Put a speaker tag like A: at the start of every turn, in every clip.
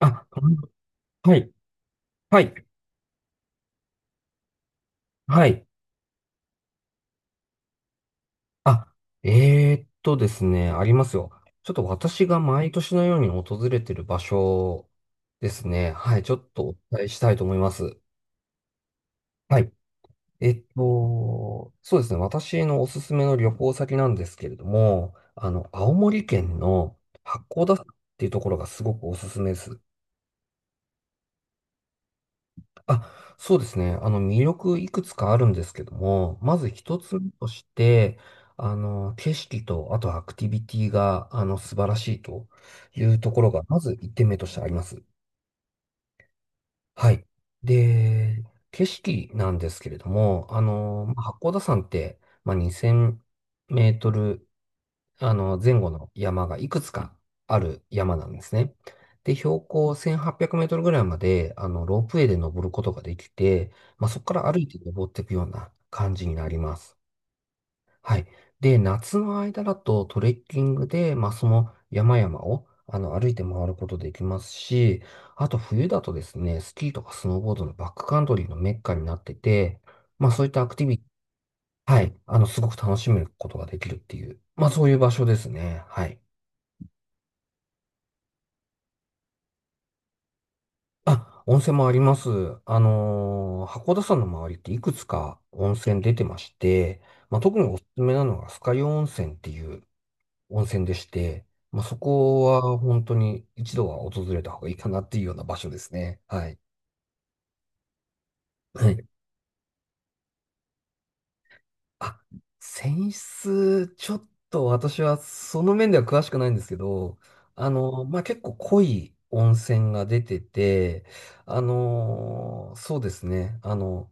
A: あ、はい、はい、はい。あ、ですね、ありますよ。ちょっと私が毎年のように訪れてる場所ですね。はい、ちょっとお伝えしたいと思います。はい。そうですね。私のおすすめの旅行先なんですけれども、青森県の八甲田山っていうところがすごくおすすめです。あ、そうですね。魅力いくつかあるんですけども、まず一つ目として、景色と、あとアクティビティが、素晴らしいというところが、まず一点目としてあります。はい。で、景色なんですけれども、まあ八甲田山って、まあ、2000メートル前後の山がいくつかある山なんですね。で、標高1800メートルぐらいまで、ロープウェイで登ることができて、まあ、そこから歩いて登っていくような感じになります。はい。で、夏の間だとトレッキングで、まあ、その山々を、歩いて回ることできますし、あと冬だとですね、スキーとかスノーボードのバックカントリーのメッカになってて、まあ、そういったアクティビティ、はい、すごく楽しむことができるっていう、まあ、そういう場所ですね。はい。あ、温泉もあります。函館山の周りっていくつか温泉出てまして、まあ、特におすすめなのが酸ヶ湯温泉っていう温泉でして、まあ、そこは本当に一度は訪れた方がいいかなっていうような場所ですね。はい。はい。あ、泉質、ちょっと私はその面では詳しくないんですけど、まあ、結構濃い温泉が出てて、そうですね。あの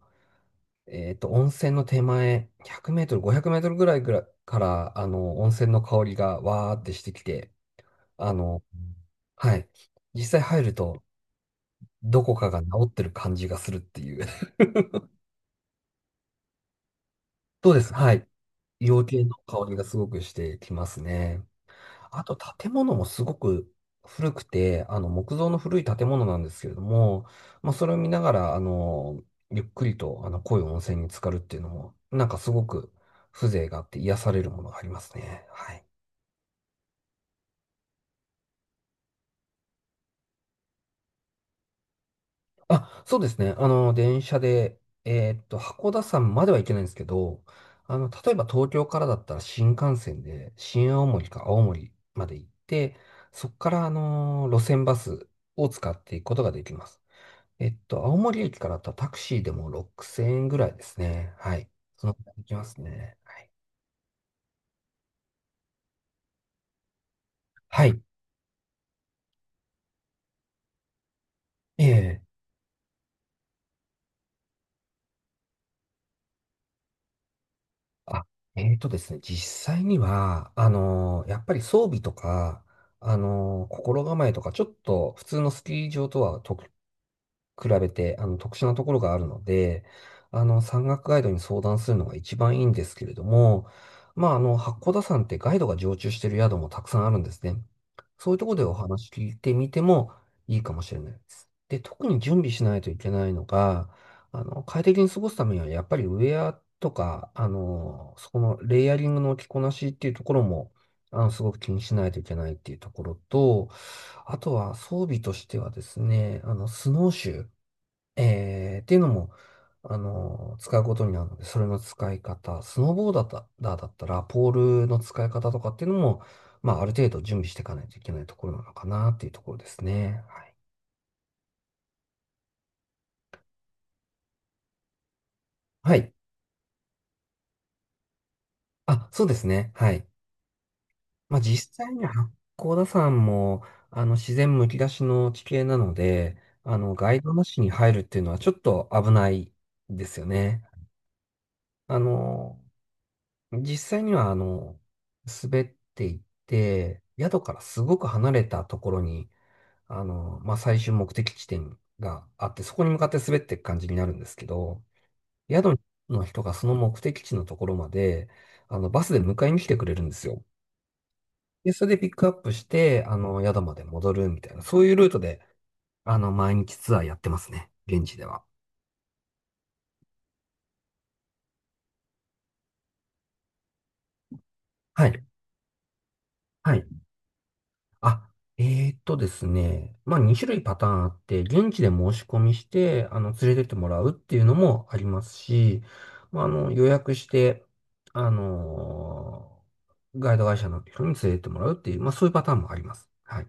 A: えっと、温泉の手前、100メートル、500メートルぐらいから、温泉の香りがわーってしてきて、あの、はい。実際入ると、どこかが治ってる感じがするっていう。そうです。はい。医療系の香りがすごくしてきますね。あと建物もすごく古くて、あの木造の古い建物なんですけれども、まあ、それを見ながら、ゆっくりとあの濃い温泉に浸かるっていうのも、なんかすごく風情があって癒されるものがありますね。はい。あ、そうですね。電車で、函館山までは行けないんですけど、例えば東京からだったら新幹線で、新青森か青森まで行って、そこから、路線バスを使っていくことができます。青森駅からだったらタクシーでも6000円ぐらいですね。はい。そのくらいできますね。はい。はい。ええ。あ、えっとですね、実際には、やっぱり装備とか、心構えとか、ちょっと普通のスキー場とは比べて、特殊なところがあるので、山岳ガイドに相談するのが一番いいんですけれども、まあ、八甲田山ってガイドが常駐している宿もたくさんあるんですね。そういうところでお話聞いてみてもいいかもしれないです。で、特に準備しないといけないのが、快適に過ごすためには、やっぱりウェアとか、そこのレイヤリングの着こなしっていうところも、すごく気にしないといけないっていうところと、あとは装備としてはですね、スノーシュー。っていうのも、使うことになるので、それの使い方、スノーボーダーだったら、ポールの使い方とかっていうのも、まあ、ある程度準備していかないといけないところなのかなっていうところですね。はい。はい。あ、そうですね。はい。まあ、実際に八甲田山も、自然むき出しの地形なので、ガイドなしに入るっていうのはちょっと危ないですよね。あの、実際には、滑っていって、宿からすごく離れたところに、まあ、最終目的地点があって、そこに向かって滑っていく感じになるんですけど、宿の人がその目的地のところまで、バスで迎えに来てくれるんですよ。で、それでピックアップして、宿まで戻るみたいな、そういうルートで、毎日ツアーやってますね。現地では。はい。はい。あ、ですね。まあ、2種類パターンあって、現地で申し込みして、連れてってもらうっていうのもありますし、まあ、予約して、あのーガイド会社の人に連れてってもらうっていう、まあ、そういうパターンもあります。はい。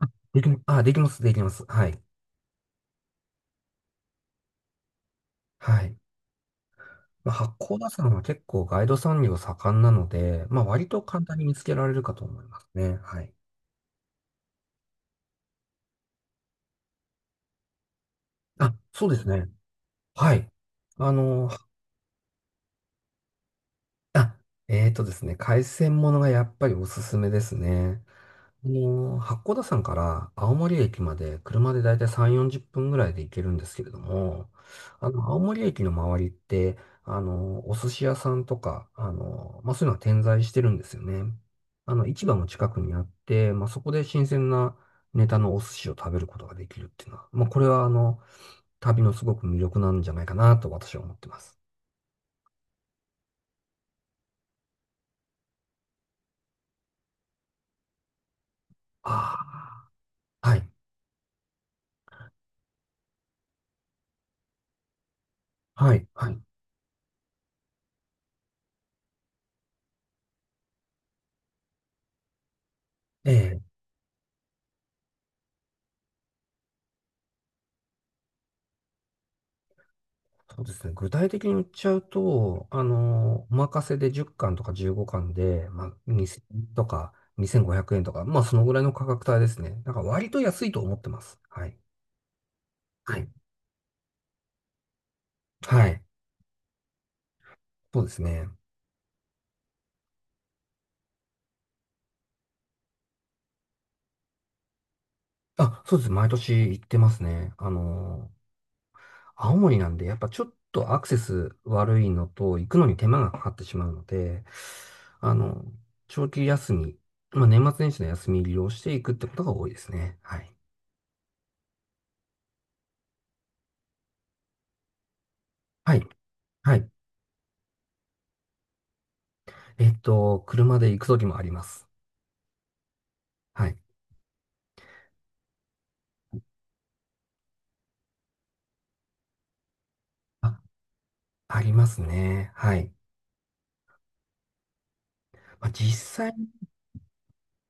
A: できます、できます。はい。はい。まあ、八甲田山は結構ガイド産業盛んなので、まあ、割と簡単に見つけられるかと思いますね。はい。あ、そうですね。はい。あの、あ、えーとですね、海鮮ものがやっぱりおすすめですね。八甲田山から青森駅まで車でだいたい3、40分ぐらいで行けるんですけれども、青森駅の周りって、お寿司屋さんとか、まあ、そういうのは点在してるんですよね。市場も近くにあって、まあ、そこで新鮮なネタのお寿司を食べることができるっていうのは、まあ、これは旅のすごく魅力なんじゃないかなと私は思ってます。ああ、はい、はい、はい。ええそうですね。具体的に言っちゃうと、お任せで10巻とか15巻で、まあ、2000とか2500円とか、まあ、そのぐらいの価格帯ですね。だから割と安いと思ってます。はい。はい。はい。そうですね。あ、そうです。毎年行ってますね。青森なんで、やっぱちょっとアクセス悪いのと、行くのに手間がかかってしまうので、あの、長期休み、まあ、年末年始の休み利用していくってことが多いですね。はい。はい。はい。車で行くときもあります。はい。あ、ありますね。はい。まあ、実際、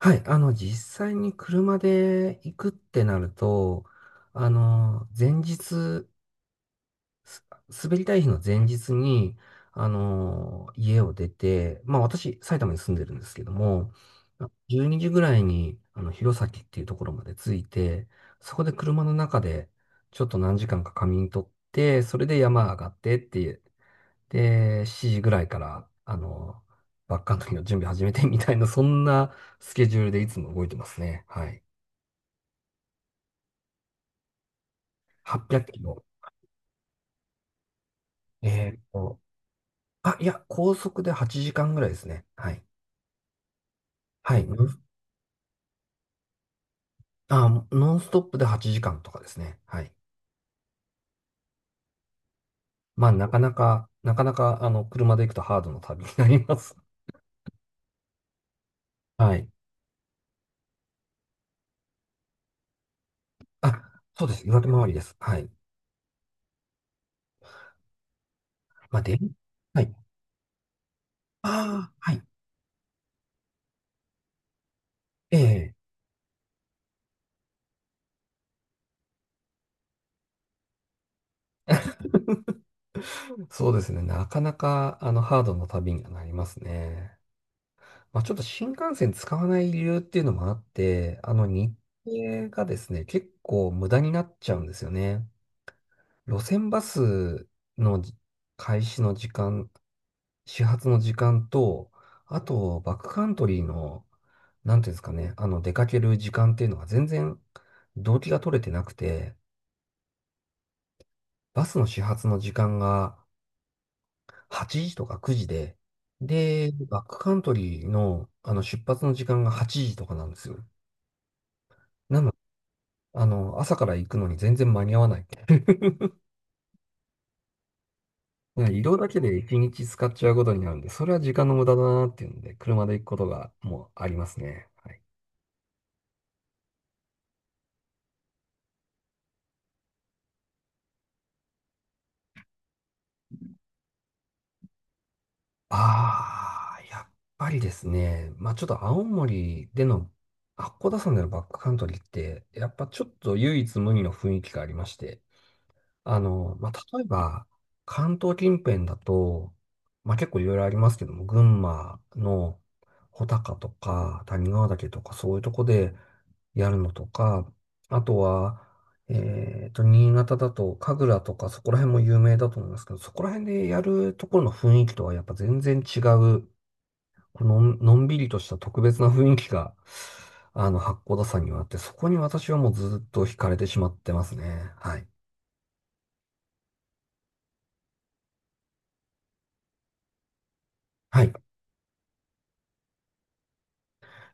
A: はい。実際に車で行くってなると、前日、す滑りたい日の前日に、家を出て、まあ私、埼玉に住んでるんですけども、12時ぐらいに、弘前っていうところまで着いて、そこで車の中で、ちょっと何時間か仮眠取って、それで山上がってっていうで、7時ぐらいから、バックカントリーの準備始めてみたいな、そんなスケジュールでいつも動いてますね。はい。800キロ。えーっと、あ、いや、高速で8時間ぐらいですね。はい。はい。ノンストップで8時間とかですね。はい。まあ、なかなか、車で行くとハードの旅になります。はい。あ、そうです。岩手回りです。はい。まあ、で、はい。ああ、はい。ええ。 そうですね。なかなか、あの、ハードな旅にはなりますね。まあ、ちょっと新幹線使わない理由っていうのもあって、日程がですね、結構無駄になっちゃうんですよね。路線バスの開始の時間、始発の時間と、あと、バックカントリーの、なんていうんですかね、あの、出かける時間っていうのが全然、動機が取れてなくて、バスの始発の時間が、8時とか9時で、で、バックカントリーの、あの出発の時間が8時とかなんですよ。なので、朝から行くのに全然間に合わない。ね移動だけで1日使っちゃうことになるんで、それは時間の無駄だなっていうので、車で行くことがもうありますね。はい。やっぱりですね、まあちょっと青森での八甲田山でのバックカントリーって、やっぱちょっと唯一無二の雰囲気がありまして、あの、まあ、例えば、関東近辺だと、まあ、結構いろいろありますけども、群馬の穂高とか、谷川岳とか、そういうとこでやるのとか、あとは、新潟だと、神楽とか、そこら辺も有名だと思いますけど、そこら辺でやるところの雰囲気とはやっぱ全然違う、このん、のんびりとした特別な雰囲気が、八甲田山にはあって、そこに私はもうずっと惹かれてしまってますね。はい。はい。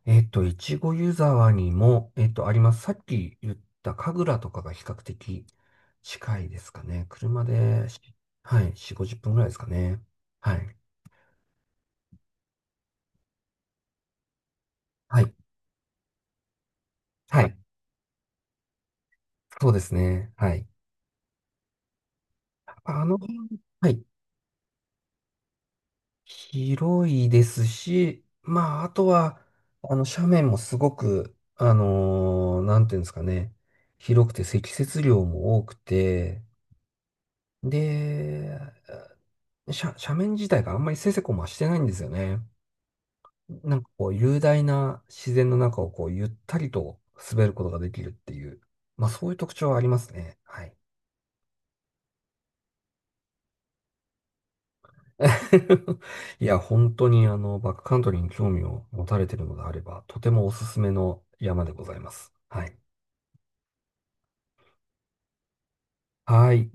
A: いちご湯沢にも、あります。さっき言った神楽とかが比較的近いですかね。車で、はい、4、50分ぐらいですかね。はい。はい。はい。そうですね。はい。あの辺、はい。広いですし、まあ、あとは、斜面もすごく、なんていうんですかね。広くて積雪量も多くて、で、斜面自体があんまりせせこましてないんですよね。なんかこう雄大な自然の中をこうゆったりと滑ることができるっていう、まあそういう特徴はありますね。はい。いや、本当にバックカントリーに興味を持たれているのであれば、とてもおすすめの山でございます。はい。はい。